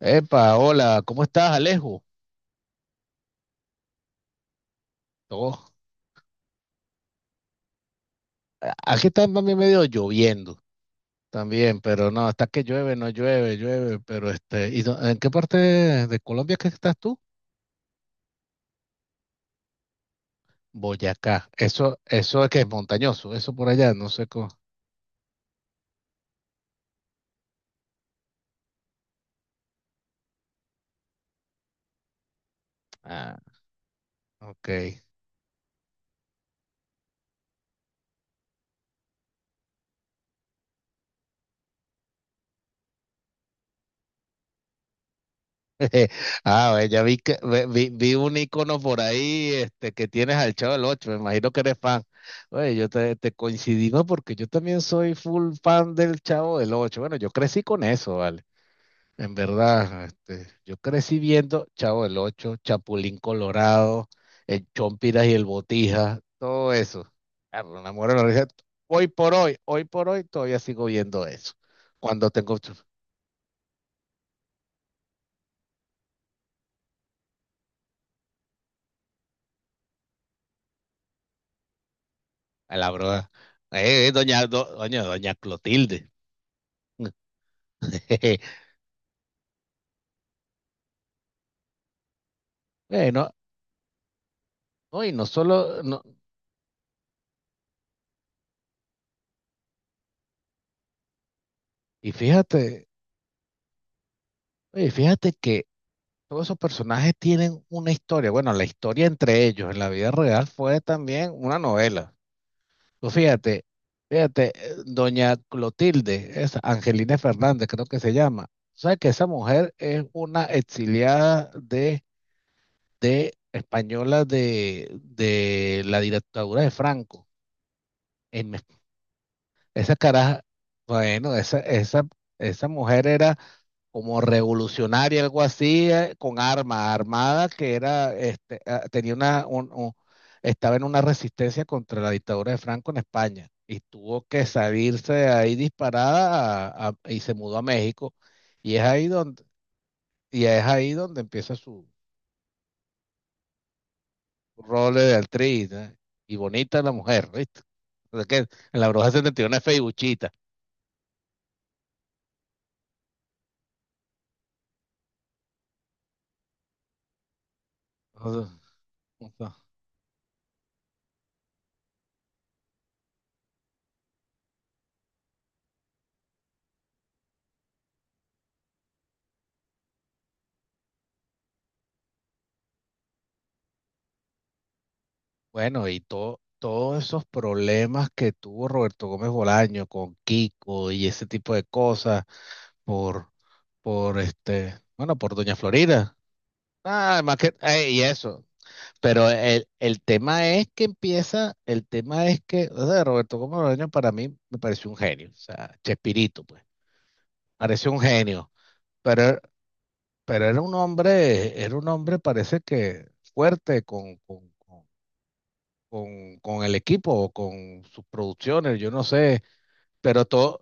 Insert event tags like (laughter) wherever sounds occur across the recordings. Epa, hola, ¿cómo estás, Alejo? Oh, aquí está también medio lloviendo también, pero no, está que llueve, no llueve, llueve, pero ¿y en qué parte de Colombia es que estás tú? Boyacá. Eso es que es montañoso, eso por allá, no sé cómo. Ah, ok. (laughs) Ah, ve, ya vi que vi un icono por ahí, este, que tienes al Chavo del Ocho, me imagino que eres fan. Oye, te coincidimos porque yo también soy full fan del Chavo del Ocho. Bueno, yo crecí con eso, ¿vale? En verdad, este, yo crecí viendo Chavo del Ocho, Chapulín Colorado, el Chompiras y el Botija, todo eso. Ah, pero me muero de la risa. Hoy por hoy todavía sigo viendo eso. Cuando tengo a la broda, doña, doña Clotilde. (laughs) Bueno, no, y no solo, no, y fíjate, oye, fíjate que todos esos personajes tienen una historia. Bueno, la historia entre ellos en la vida real fue también una novela. Pues fíjate, doña Clotilde es Angelina Fernández, creo que se llama. ¿Sabes que esa mujer es una exiliada de española de la dictadura de Franco? En- Esa caraja, bueno, esa mujer era como revolucionaria, algo así, con arma armada, que era, este, ah, tenía estaba en una resistencia contra la dictadura de Franco en España y tuvo que salirse de ahí disparada y se mudó a México y es ahí donde, y es ahí donde empieza su rol de actriz, ¿eh? Y bonita la mujer, ¿viste? O sea que en la bruja 71 es feibuchita. Bueno, y todo, todos esos problemas que tuvo Roberto Gómez Bolaño con Kiko y ese tipo de cosas por, por este, bueno, por Doña Florida. Nada más que, y eso. Pero el tema es que empieza, el tema es que, o sea, Roberto Gómez Bolaño para mí me pareció un genio, o sea, Chespirito, pues, pareció un genio, pero, pero era un hombre, parece que fuerte, con con el equipo o con sus producciones, yo no sé, pero todo,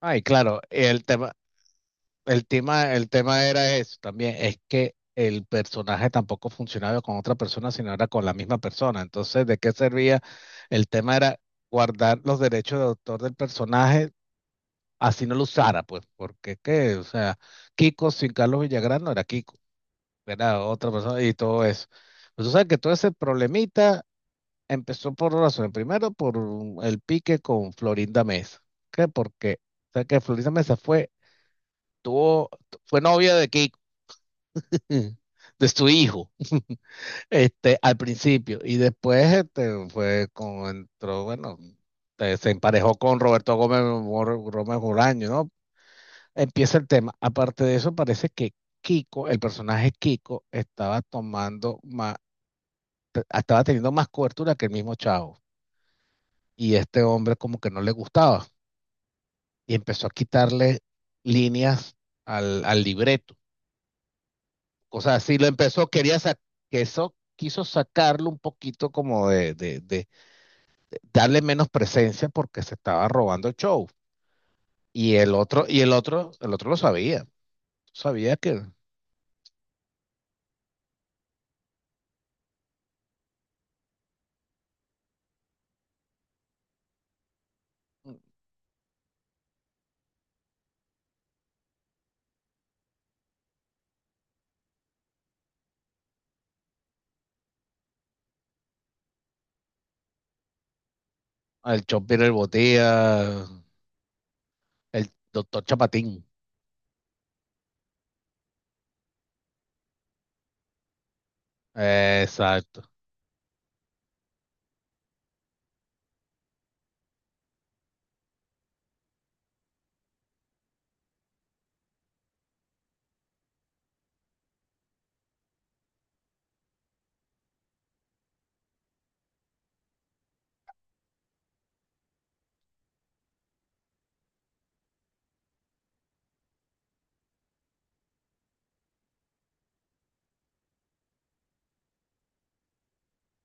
ay, claro, el tema era eso también, es que el personaje tampoco funcionaba con otra persona, sino era con la misma persona. Entonces, ¿de qué servía? El tema era guardar los derechos de autor del personaje, así no lo usara, pues, porque qué, o sea, Kiko sin Carlos Villagrán no era Kiko, era otra persona y todo eso. Pues, o sea, que todo ese problemita empezó por dos razones. Primero, por el pique con Florinda Mesa. ¿Qué? Porque, o sea, que Florinda Mesa fue, tuvo, fue novia de Kiko, (laughs) de su hijo, (laughs) este, al principio. Y después, este, fue con, entró, bueno, se emparejó con Roberto Gómez Bolaño, ¿no? Empieza el tema. Aparte de eso, parece que Kiko, el personaje Kiko, estaba tomando más, estaba teniendo más cobertura que el mismo Chavo. Y este hombre como que no le gustaba. Y empezó a quitarle líneas al libreto. Cosas así, lo empezó, quería sa- que eso quiso sacarlo un poquito como de darle menos presencia porque se estaba robando el show. Y el otro lo sabía. Sabía que el Chompier el Botía, el doctor Chapatín. Exacto.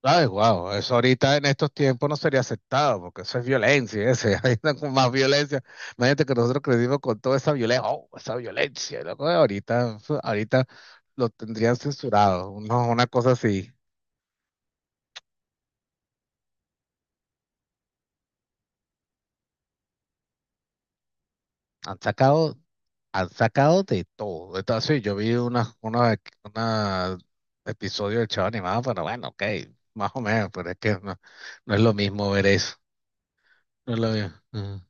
Ay, wow, eso ahorita en estos tiempos no sería aceptado, porque eso es violencia, ese, (laughs) ahí está con más violencia. Imagínate que nosotros crecimos con toda esa violencia, oh, esa violencia, loco, ahorita lo tendrían censurado, no, una cosa así. Han sacado, han sacado de todo. Entonces, sí, yo vi una episodio del Chavo Animado, pero bueno, ok, más o menos, pero es que no, no es lo mismo ver eso. No es lo mismo.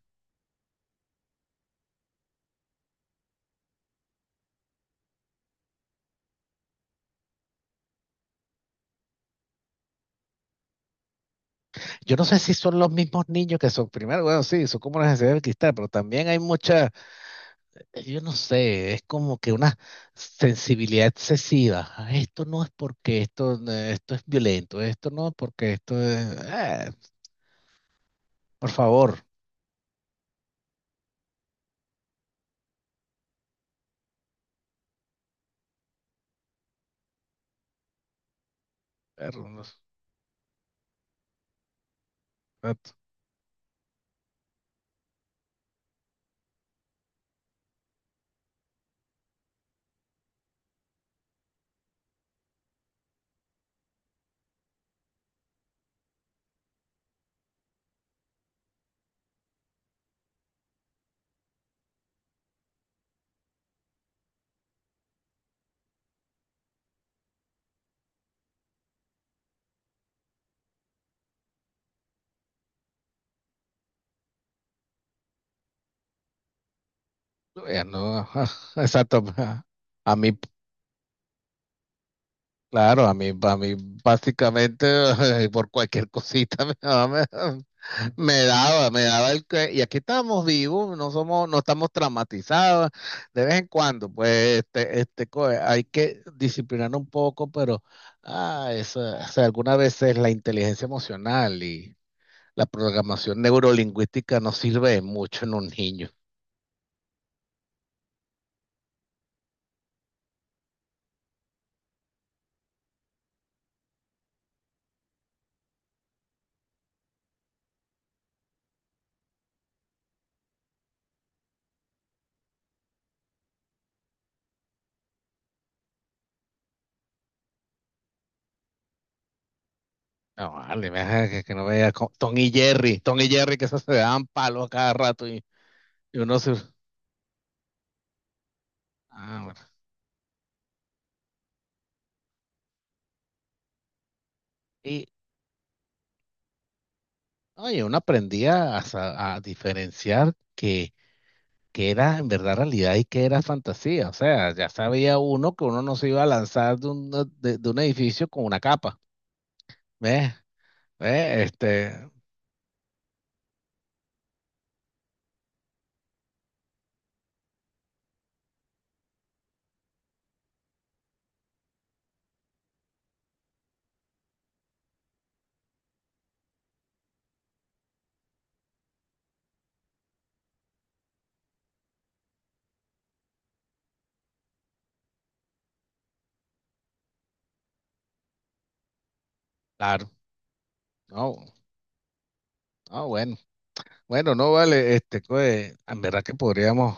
Yo no sé si son los mismos niños que son, primero, bueno, sí, son como una necesidad del cristal, pero también hay mucha, yo no sé, es como que una sensibilidad excesiva. Ah, esto no es porque esto, esto es violento, esto no es porque esto es, ah, por favor. Perro, no, exacto. Ya no, ajá, exacto, ajá. A mí, claro, a mí básicamente (laughs) por cualquier cosita (laughs) me daba, me, me daba el que, y aquí estamos vivos, no somos, no estamos traumatizados, de vez en cuando, pues co- hay que disciplinar un poco, pero ah, eso, o sea, algunas veces la inteligencia emocional y la programación neurolingüística no sirve de mucho en un niño. No, vale, me deja que no vea co- Tom y Jerry que esos se daban palos a cada rato y uno se... Ah, bueno. Sí, no, y oye, uno aprendía a, sa- a diferenciar que era en verdad realidad y que era fantasía. O sea, ya sabía uno que uno no se iba a lanzar de un, de un edificio con una capa. ¿Ves? ¿Ves? Este, claro. No, no, bueno. Bueno, no vale, este, pues, en verdad que podríamos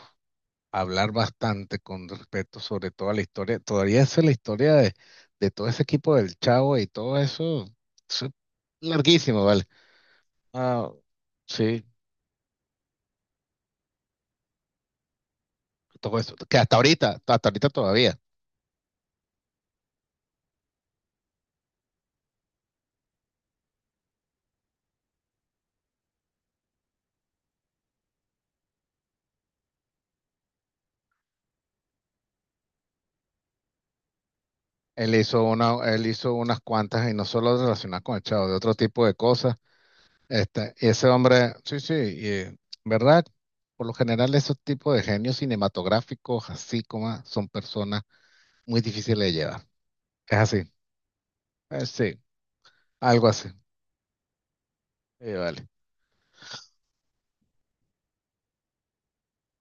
hablar bastante con respecto sobre toda la historia. Todavía es la historia de todo ese equipo del Chavo y todo eso. Eso es larguísimo, ¿vale? Ah, sí. Todo eso, que hasta ahorita todavía. Él hizo una, él hizo unas cuantas y no solo relacionadas con el Chavo, de otro tipo de cosas. Este, y ese hombre, sí, sí, y, ¿verdad? Por lo general, esos tipos de genios cinematográficos, así como son personas muy difíciles de llevar. Es así. Sí. Algo así. Y yo, vale.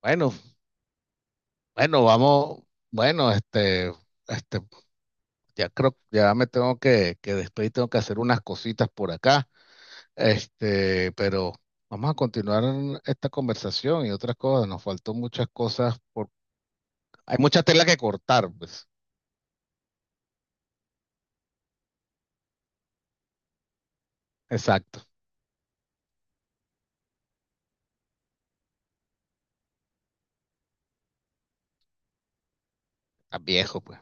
Bueno, bueno, vamos, bueno, este, este, ya creo, ya me tengo que despedir, tengo que hacer unas cositas por acá, este, pero vamos a continuar esta conversación y otras cosas, nos faltó muchas cosas, por, hay mucha tela que cortar, pues, exacto, está viejo, pues.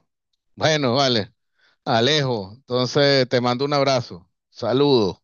Bueno, vale, Alejo, entonces te mando un abrazo, saludos.